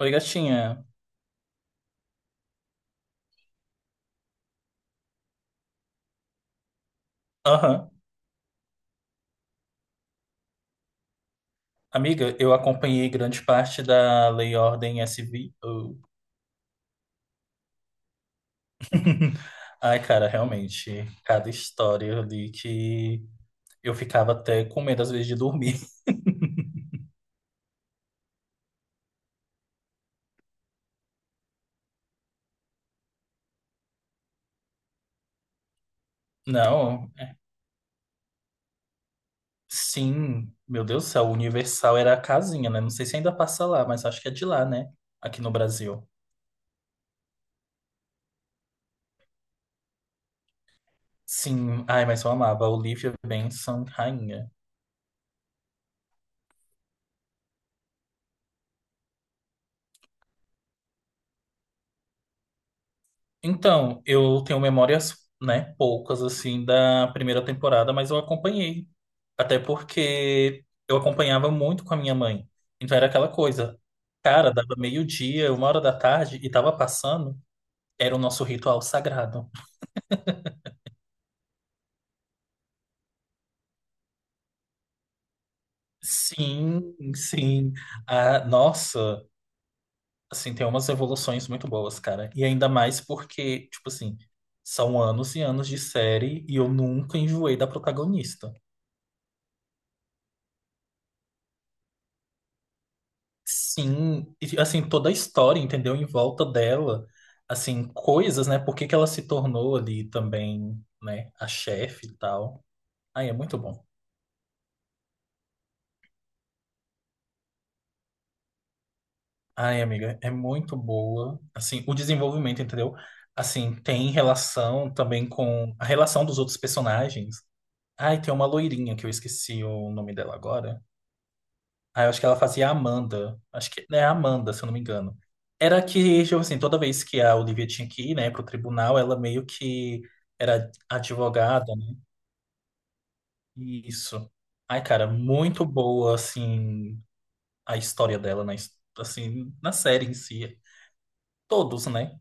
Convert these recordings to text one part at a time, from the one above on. Oi, gatinha. Aham. Amiga, eu acompanhei grande parte da Lei e Ordem SV. Oh. Ai, cara, realmente, cada história ali que eu ficava até com medo às vezes de dormir. Não, sim, meu Deus do céu, o Universal era a casinha, né? Não sei se ainda passa lá, mas acho que é de lá, né? Aqui no Brasil. Sim, ai, mas eu amava a Olivia Benson, rainha. Então, eu tenho memórias, né, poucas assim da primeira temporada, mas eu acompanhei. Até porque eu acompanhava muito com a minha mãe. Então era aquela coisa. Cara, dava meio-dia, 1 hora da tarde e tava passando, era o nosso ritual sagrado. Sim, sim. Ah, nossa, assim, tem umas evoluções muito boas, cara. E ainda mais porque, tipo assim, são anos e anos de série e eu nunca enjoei da protagonista. Sim, e, assim, toda a história, entendeu? Em volta dela, assim, coisas, né? Por que que ela se tornou ali também, né? A chefe e tal. Ai, é muito bom. Ai, amiga, é muito boa. Assim, o desenvolvimento, entendeu? Assim, tem relação também com a relação dos outros personagens. Ai, tem uma loirinha que eu esqueci o nome dela agora. Ah, eu acho que ela fazia a Amanda. Acho que é a Amanda, se eu não me engano. Era que, tipo assim, toda vez que a Olivia tinha que ir, né, pro tribunal, ela meio que era advogada, né? Isso. Ai, cara, muito boa, assim, a história dela, na, assim, na série em si. Todos, né?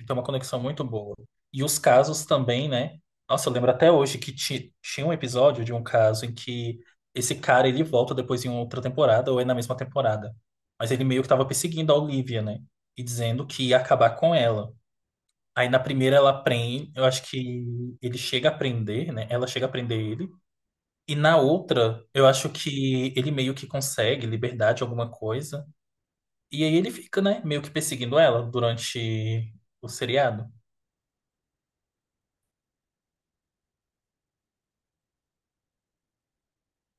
Então, uma conexão muito boa. E os casos também, né? Nossa, eu lembro até hoje que tinha um episódio de um caso em que esse cara ele volta depois em outra temporada ou é na mesma temporada. Mas ele meio que tava perseguindo a Olivia, né? E dizendo que ia acabar com ela. Aí na primeira ela prende, eu acho que ele chega a prender, né? Ela chega a prender ele. E na outra, eu acho que ele meio que consegue liberdade, alguma coisa. E aí ele fica, né? Meio que perseguindo ela durante o seriado.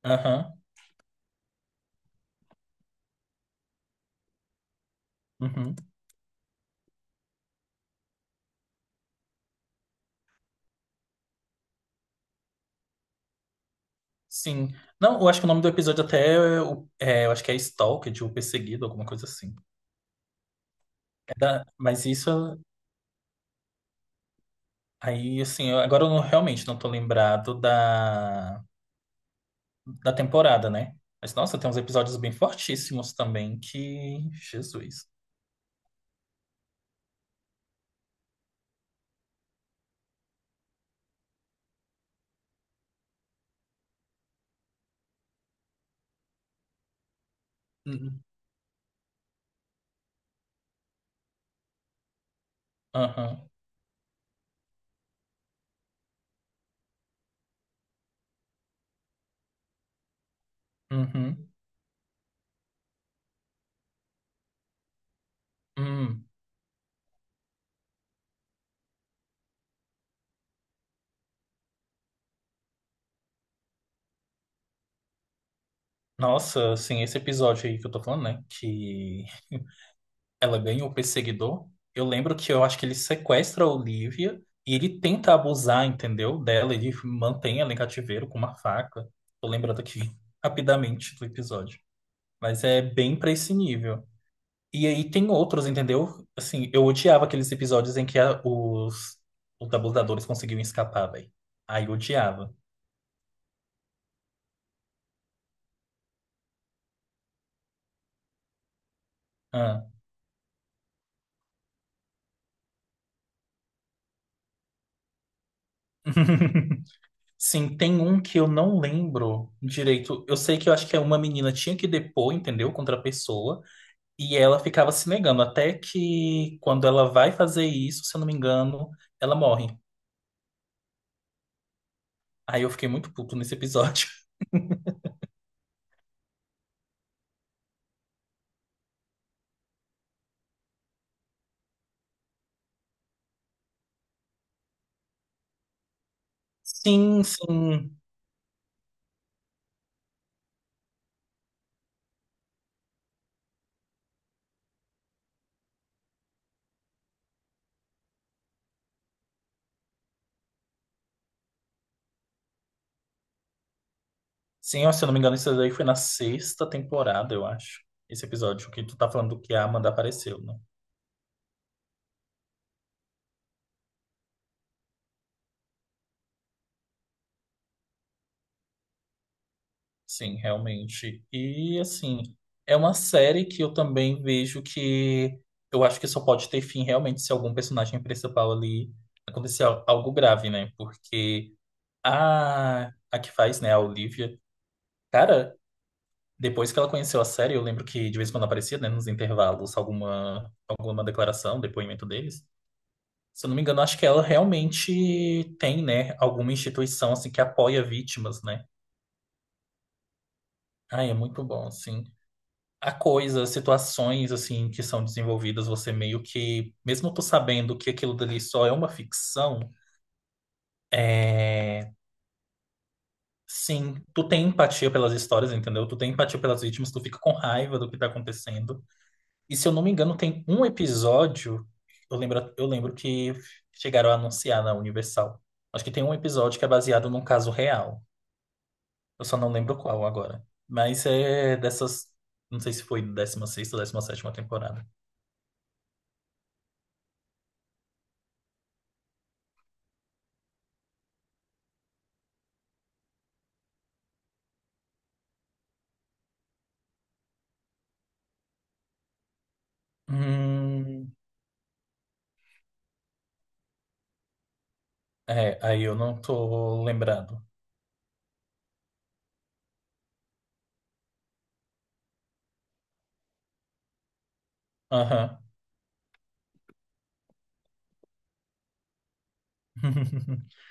Aham. Uhum. Sim. Não, eu acho que o nome do episódio até é, eu acho que é Stalked, o perseguido, alguma coisa assim. Mas isso aí, assim, agora eu não- realmente não tô lembrado da temporada, né? Mas nossa, tem uns episódios bem fortíssimos também que. Jesus. Uhum. Aham. Uhum. Hum. Nossa, assim, esse episódio aí que eu tô falando, né? Que ela ganha o perseguidor. Eu lembro que eu acho que ele sequestra a Olivia e ele tenta abusar, entendeu? Dela, ele mantém ela em cativeiro com uma faca. Tô lembrando aqui rapidamente do episódio. Mas é bem pra esse nível. E aí tem outros, entendeu? Assim, eu odiava aqueles episódios em que os abusadores conseguiam escapar, velho. Aí eu odiava. Ah. Sim, tem um que eu não lembro direito. Eu sei que eu acho que é uma menina tinha que depor, entendeu? Contra a pessoa. E ela ficava se negando, até que quando ela vai fazer isso, se eu não me engano, ela morre. Aí eu fiquei muito puto nesse episódio. Sim, sim. Sim, ó, se eu não me engano, isso daí foi na sexta temporada, eu acho. Esse episódio que tu tá falando que a Amanda apareceu, né? Sim, realmente. E assim, é uma série que eu também vejo que eu acho que só pode ter fim realmente se algum personagem principal ali acontecer algo grave, né? Porque a que faz, né, a Olivia. Cara, depois que ela conheceu a série, eu lembro que de vez em quando aparecia, né, nos intervalos, alguma declaração, depoimento deles. Se eu não me engano, acho que ela realmente tem, né, alguma instituição, assim, que apoia vítimas, né? Ai, é muito bom, assim. Há coisas, situações, assim, que são desenvolvidas, você meio que, mesmo tu sabendo que aquilo dali só é uma ficção, é. Sim, tu tem empatia pelas histórias, entendeu? Tu tem empatia pelas vítimas, tu fica com raiva do que tá acontecendo. E se eu não me engano, tem um episódio. Eu lembro que chegaram a anunciar na Universal. Acho que tem um episódio que é baseado num caso real. Eu só não lembro qual agora. Mas é dessas. Não sei se foi 16ª ou 17ª temporada. Hum, é, aí eu não tô lembrado. Aham.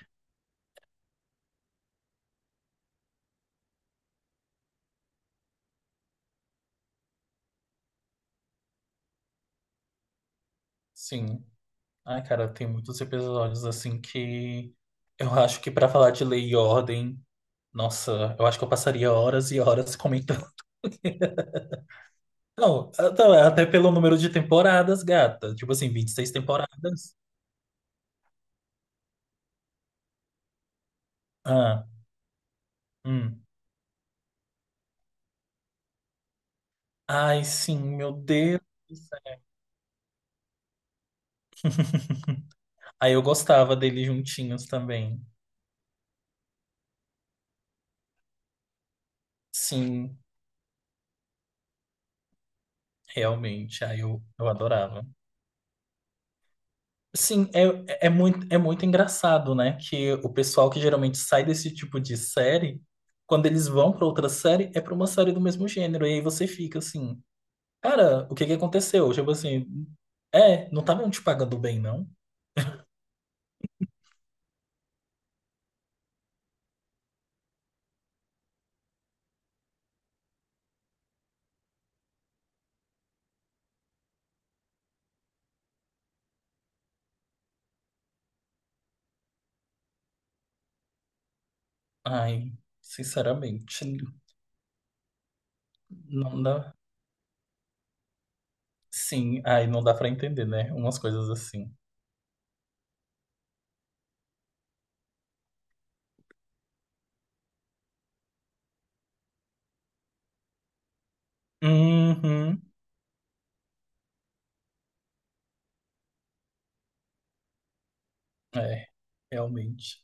Sim. Ai, cara, tem muitos episódios assim que eu acho que pra falar de lei e ordem, nossa, eu acho que eu passaria horas e horas comentando. Não, então, é até pelo número de temporadas, gata. Tipo assim, 26 temporadas. Ah, hum. Ai, sim, meu Deus do céu. Aí eu gostava deles juntinhos também. Sim, realmente. Aí eu adorava. Sim, é muito engraçado, né? Que o pessoal que geralmente sai desse tipo de série, quando eles vão pra outra série, é pra uma série do mesmo gênero. E aí você fica assim, cara, o que que aconteceu? Tipo assim, é, não estavam te pagando bem, não? Ai, sinceramente, não dá. Sim, ai, não dá pra entender, né? Umas coisas assim. Uhum. É, realmente.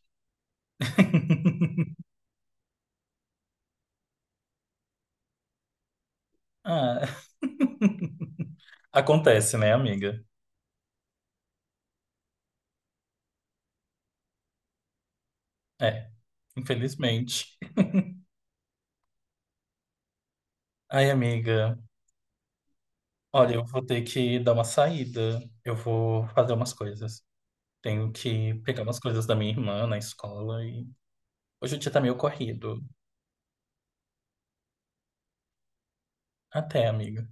Ah, acontece, né, amiga? É, infelizmente. Ai, amiga, olha, eu vou ter que dar uma saída. Eu vou fazer umas coisas. Tenho que pegar umas coisas da minha irmã na escola e hoje o dia tá meio corrido. Até, amiga.